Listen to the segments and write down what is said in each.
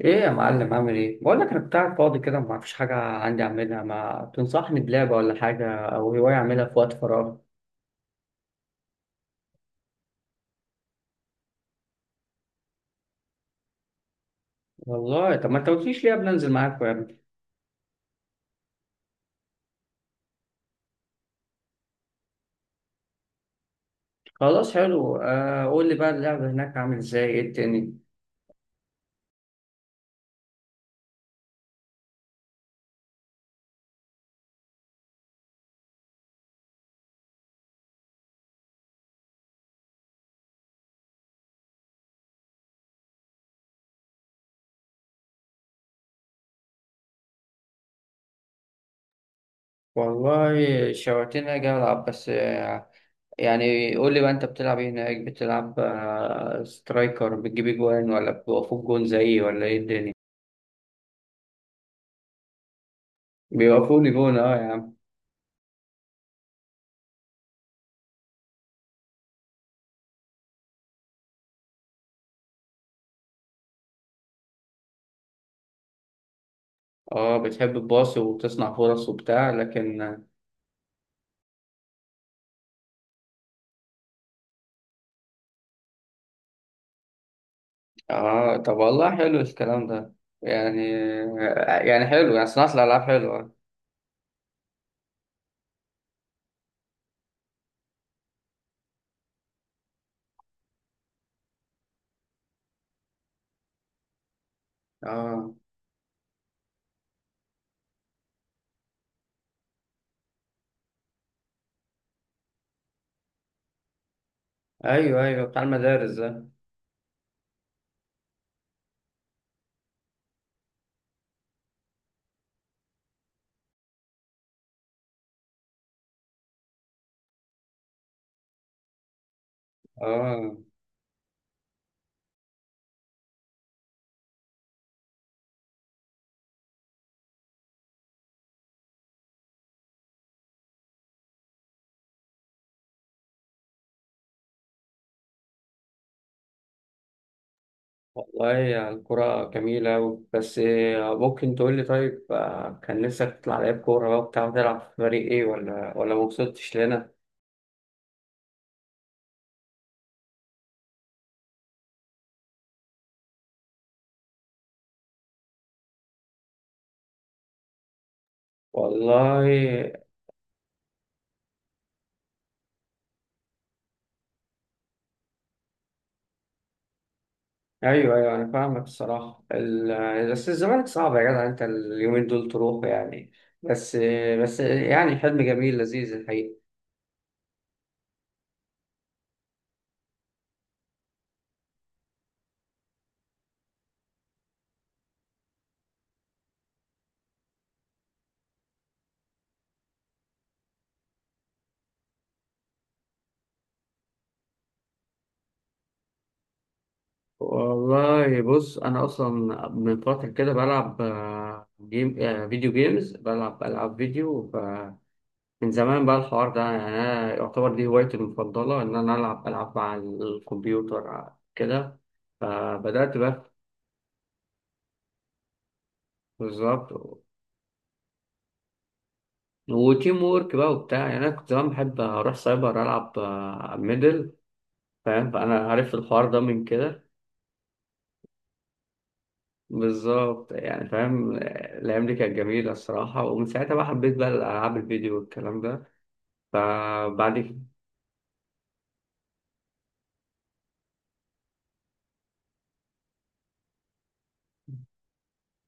ايه يا معلم، عامل ايه؟ بقول لك انا كنت قاعد فاضي كده، ما فيش حاجه عندي اعملها. ما تنصحني بلعبه ولا حاجه او هوايه اعملها في وقت فراغ؟ والله طب ما انت قلتليش ليه قبل انزل معاك يا ابني؟ خلاص حلو، آه قول لي بقى اللعبه هناك عامل ازاي؟ ايه التاني؟ والله شوقتني اجي العب، بس يعني قول لي بقى انت بتلعب ايه هناك؟ بتلعب سترايكر بتجيب جوان، ولا بيوقفوك جون زيي، ولا ايه الدنيا؟ بيوقفوني جون، اه يا عم. اه بتحب الباص وتصنع فرص وبتاع، لكن اه طب والله حلو الكلام ده. يعني يعني حلو، يعني صناعة الألعاب حلوة. اه ايوه ايوه، بتاع المدارس ده. اه والله يعني الكرة جميلة أوي. بس ممكن تقول لي؟ طيب كان نفسك تطلع لعيب كورة بقى وبتاع، تلعب في فريق ايه، ولا ما وصلتش لنا؟ والله ايوه ايوه انا فاهمك الصراحة. بس الزمالك صعب يا جدع، انت اليومين دول تروح يعني، بس بس يعني حلم جميل لذيذ الحقيقة. والله بص، انا اصلا من فتره كده بلعب جيم، فيديو جيمز، بلعب العاب فيديو. فمن زمان بقى الحوار ده، يعني انا يعتبر دي هوايتي المفضله، ان انا العب العاب على الكمبيوتر كده. فبدات بقى بالظبط. وتيم وورك بقى وبتاع، يعني انا كنت زمان بحب اروح سايبر العب ميدل، فاهم؟ فانا عرفت الحوار ده من كده. بالظبط يعني فاهم. الأيام دي كانت جميلة الصراحة، ومن ساعتها بقى حبيت بقى الألعاب الفيديو والكلام ده. فبعد كده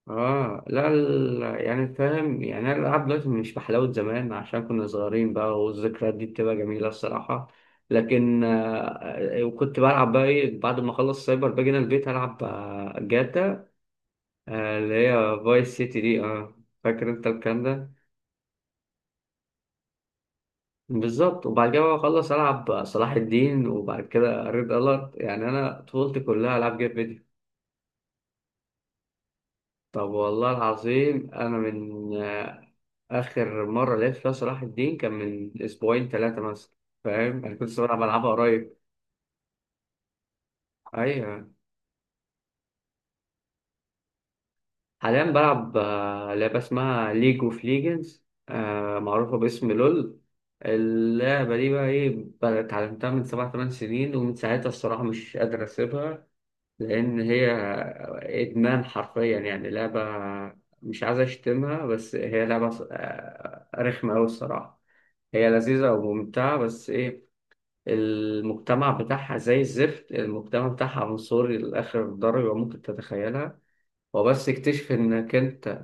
اه لا، يعني فاهم، يعني انا الالعاب دلوقتي مش بحلاوه زمان عشان كنا صغيرين بقى، والذكريات دي بتبقى جميله الصراحه. لكن آه، وكنت بلعب بقى ايه بعد ما اخلص سايبر؟ باجي هنا البيت العب جاتا، آه اللي هي فايس سيتي دي، اه فاكر انت الكلام ده؟ بالظبط. وبعد كده بقى اخلص العب صلاح الدين، وبعد كده ريد الارت. يعني انا طفولتي كلها العاب جيم فيديو. طب والله العظيم انا من آخر مرة لعبت فيها صلاح الدين كان من أسبوعين ثلاثة مثلا. فاهم، أنا كنت لسه بلعب ألعابها قريب. أيوة حاليا بلعب لعبة اسمها ليج أوف ليجنز، معروفة باسم لول. اللعبة دي بقى إيه بقى، اتعلمتها من 7 8 سنين، ومن ساعتها الصراحة مش قادر أسيبها. لأن هي إدمان حرفيا، يعني لعبة مش عايز أشتمها، بس هي لعبة رخمة أوي الصراحة. هي لذيذة وممتعة بس إيه، المجتمع بتاعها زي الزفت. المجتمع بتاعها عنصري لآخر درجة ممكن تتخيلها. هو بس اكتشف انك انت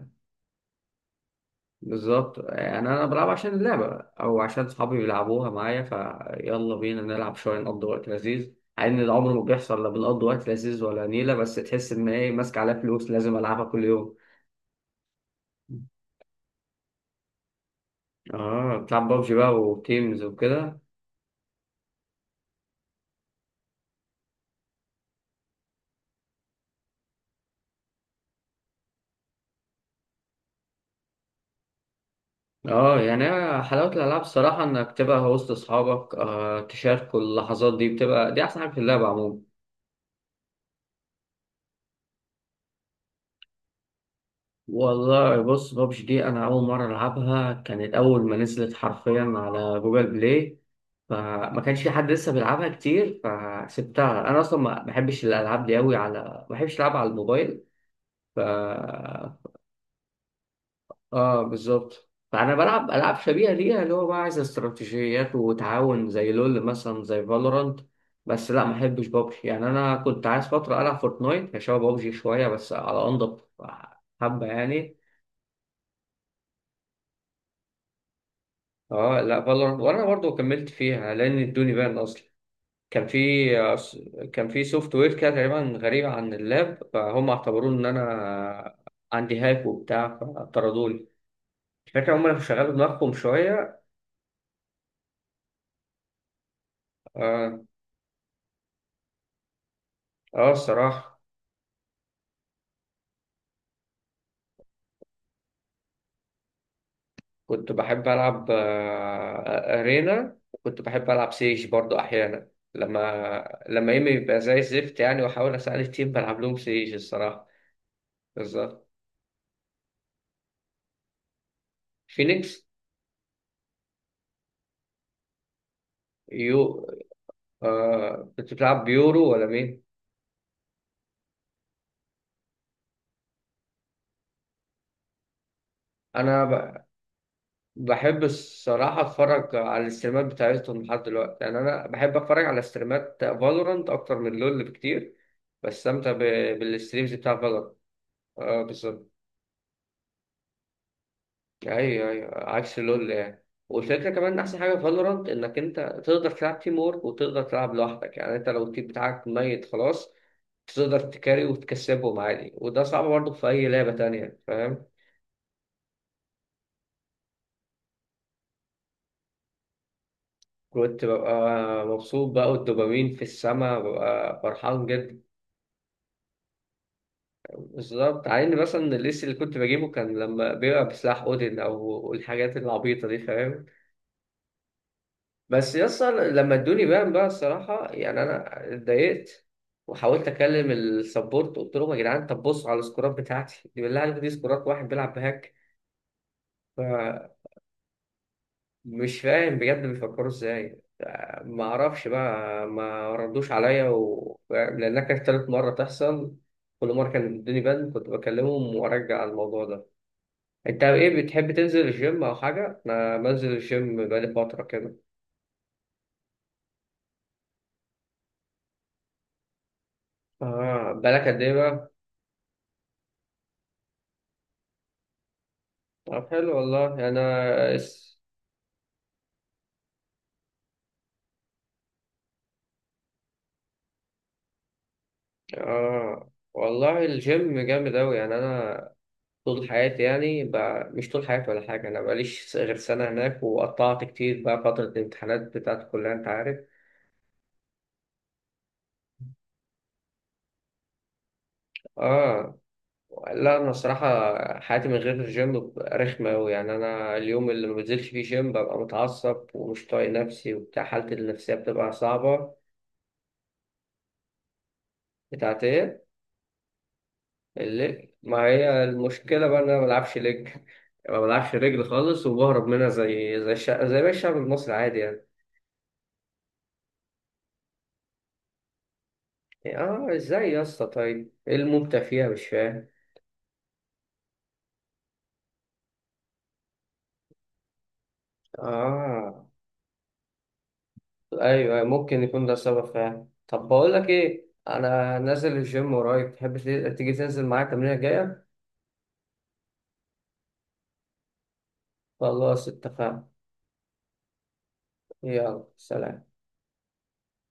بالظبط. يعني انا بلعب عشان اللعبة، او عشان صحابي بيلعبوها معايا، فيلا بينا نلعب شوية نقضي وقت لذيذ. مع ان العمر ما بيحصل لا بنقضي وقت لذيذ ولا نيلة، بس تحس ان ايه ماسك عليها فلوس لازم العبها كل يوم. اه بتلعب بابجي بقى وتيمز وكده. اه يعني أنا حلاوة الألعاب الصراحة إنك تبقى وسط أصحابك، آه تشاركوا اللحظات دي، بتبقى دي أحسن حاجة في اللعبة عموما. والله بص، بابجي دي أنا أول مرة ألعبها كانت أول ما نزلت، حرفيا على جوجل بلاي. فما كانش في حد لسه بيلعبها كتير فسبتها. أنا أصلا ما بحبش الألعاب دي أوي، على ما بحبش ألعبها على الموبايل. ف اه بالظبط فانا بلعب العاب شبيهه ليها، اللي هو بقى عايز استراتيجيات وتعاون، زي لول مثلا، زي فالورانت. بس لا ما احبش بابجي. يعني انا كنت عايز فتره العب فورتنايت، هي شبه بابجي شويه بس على انضف حبه يعني. اه لا، فالورانت وانا برضو كملت فيها لان ادوني بان اصلا. كان في كان في سوفت وير كده تقريبا غريب عن اللاب، فهم اعتبروا ان انا عندي هاك وبتاع، فطردوني. الفكره هم اللي شغلوا دماغهم شويه. اه اه الصراحه، كنت بحب ألعب أرينا، وكنت بحب ألعب سيج برضو أحيانا، لما إيمي يبقى زي الزفت يعني، وأحاول أساعد التيم بلعب لهم سيج الصراحة. بالظبط فينيكس، يو. آه... كنت بتلعب بيورو ولا مين؟ أنا ب... بحب الصراحة أتفرج على الاستريمات بتاعتهم لحد دلوقتي. يعني أنا بحب أتفرج على استريمات فالورانت أكتر من لول بكتير. بستمتع ب... بالستريمز بتاع فالورانت، آه بالظبط. ايوه ايوه عكس لول يعني. والفكره كمان إن احسن حاجه في فالورانت، انك انت تقدر تلعب تيم وورك وتقدر تلعب لوحدك. يعني انت لو التيم بتاعك ميت خلاص، تقدر تكاري وتكسبهم عادي، وده صعب برضه في اي لعبه تانية، فاهم؟ كنت ببقى مبسوط بقى، والدوبامين في السما، ببقى فرحان جدا. بالظبط، عين مثلا الليست اللي كنت بجيبه كان لما بيبقى بسلاح اودين او الحاجات العبيطه دي، فاهم؟ بس يسطا لما ادوني بان بقى الصراحة، يعني أنا اتضايقت. وحاولت أكلم السبورت، قلت لهم يا جدعان طب بصوا على السكورات بتاعتي دي، بالله عليكم دي سكورات واحد بيلعب بهاك. فمش فاهم بجد بيفكروا إزاي. ما أعرفش بقى، ما ردوش عليا لأنها كانت تالت مرة تحصل، كل مرة كان بيدوني بان كنت بكلمهم وأرجع على الموضوع ده. أنت إيه، بتحب تنزل الجيم أو حاجة؟ أنا بنزل الجيم بقالي فترة كده. آه بالك قد إيه بقى؟ طب حلو والله، آه والله الجيم جامد اوي. يعني انا طول حياتي مش طول حياتي ولا حاجه، انا بقاليش غير سنه هناك، وقطعت كتير بقى فتره الامتحانات بتاعت الكليه، انت عارف. اه لا انا الصراحه حياتي من غير الجيم بتبقى رخمه اوي. يعني انا اليوم اللي ما بنزلش فيه جيم ببقى متعصب ومش طايق نفسي وبتاع، حالتي النفسيه بتبقى صعبه. بتاعت ايه؟ الليج، ما هي المشكلة بقى إن أنا ما بلعبش ليج، ما بلعبش رجل خالص، وبهرب منها زي الشعب زي باقي الشعب المصري عادي يعني. آه إزاي يا اسطى؟ طيب إيه الممتع فيها مش فاهم. آه أيوه ممكن يكون ده سبب فعلا. طب بقول لك إيه، أنا نازل الجيم ورايك تحب تيجي تنزل معايا التمرينة الجاية؟ خلاص اتفقنا. يلا سلام.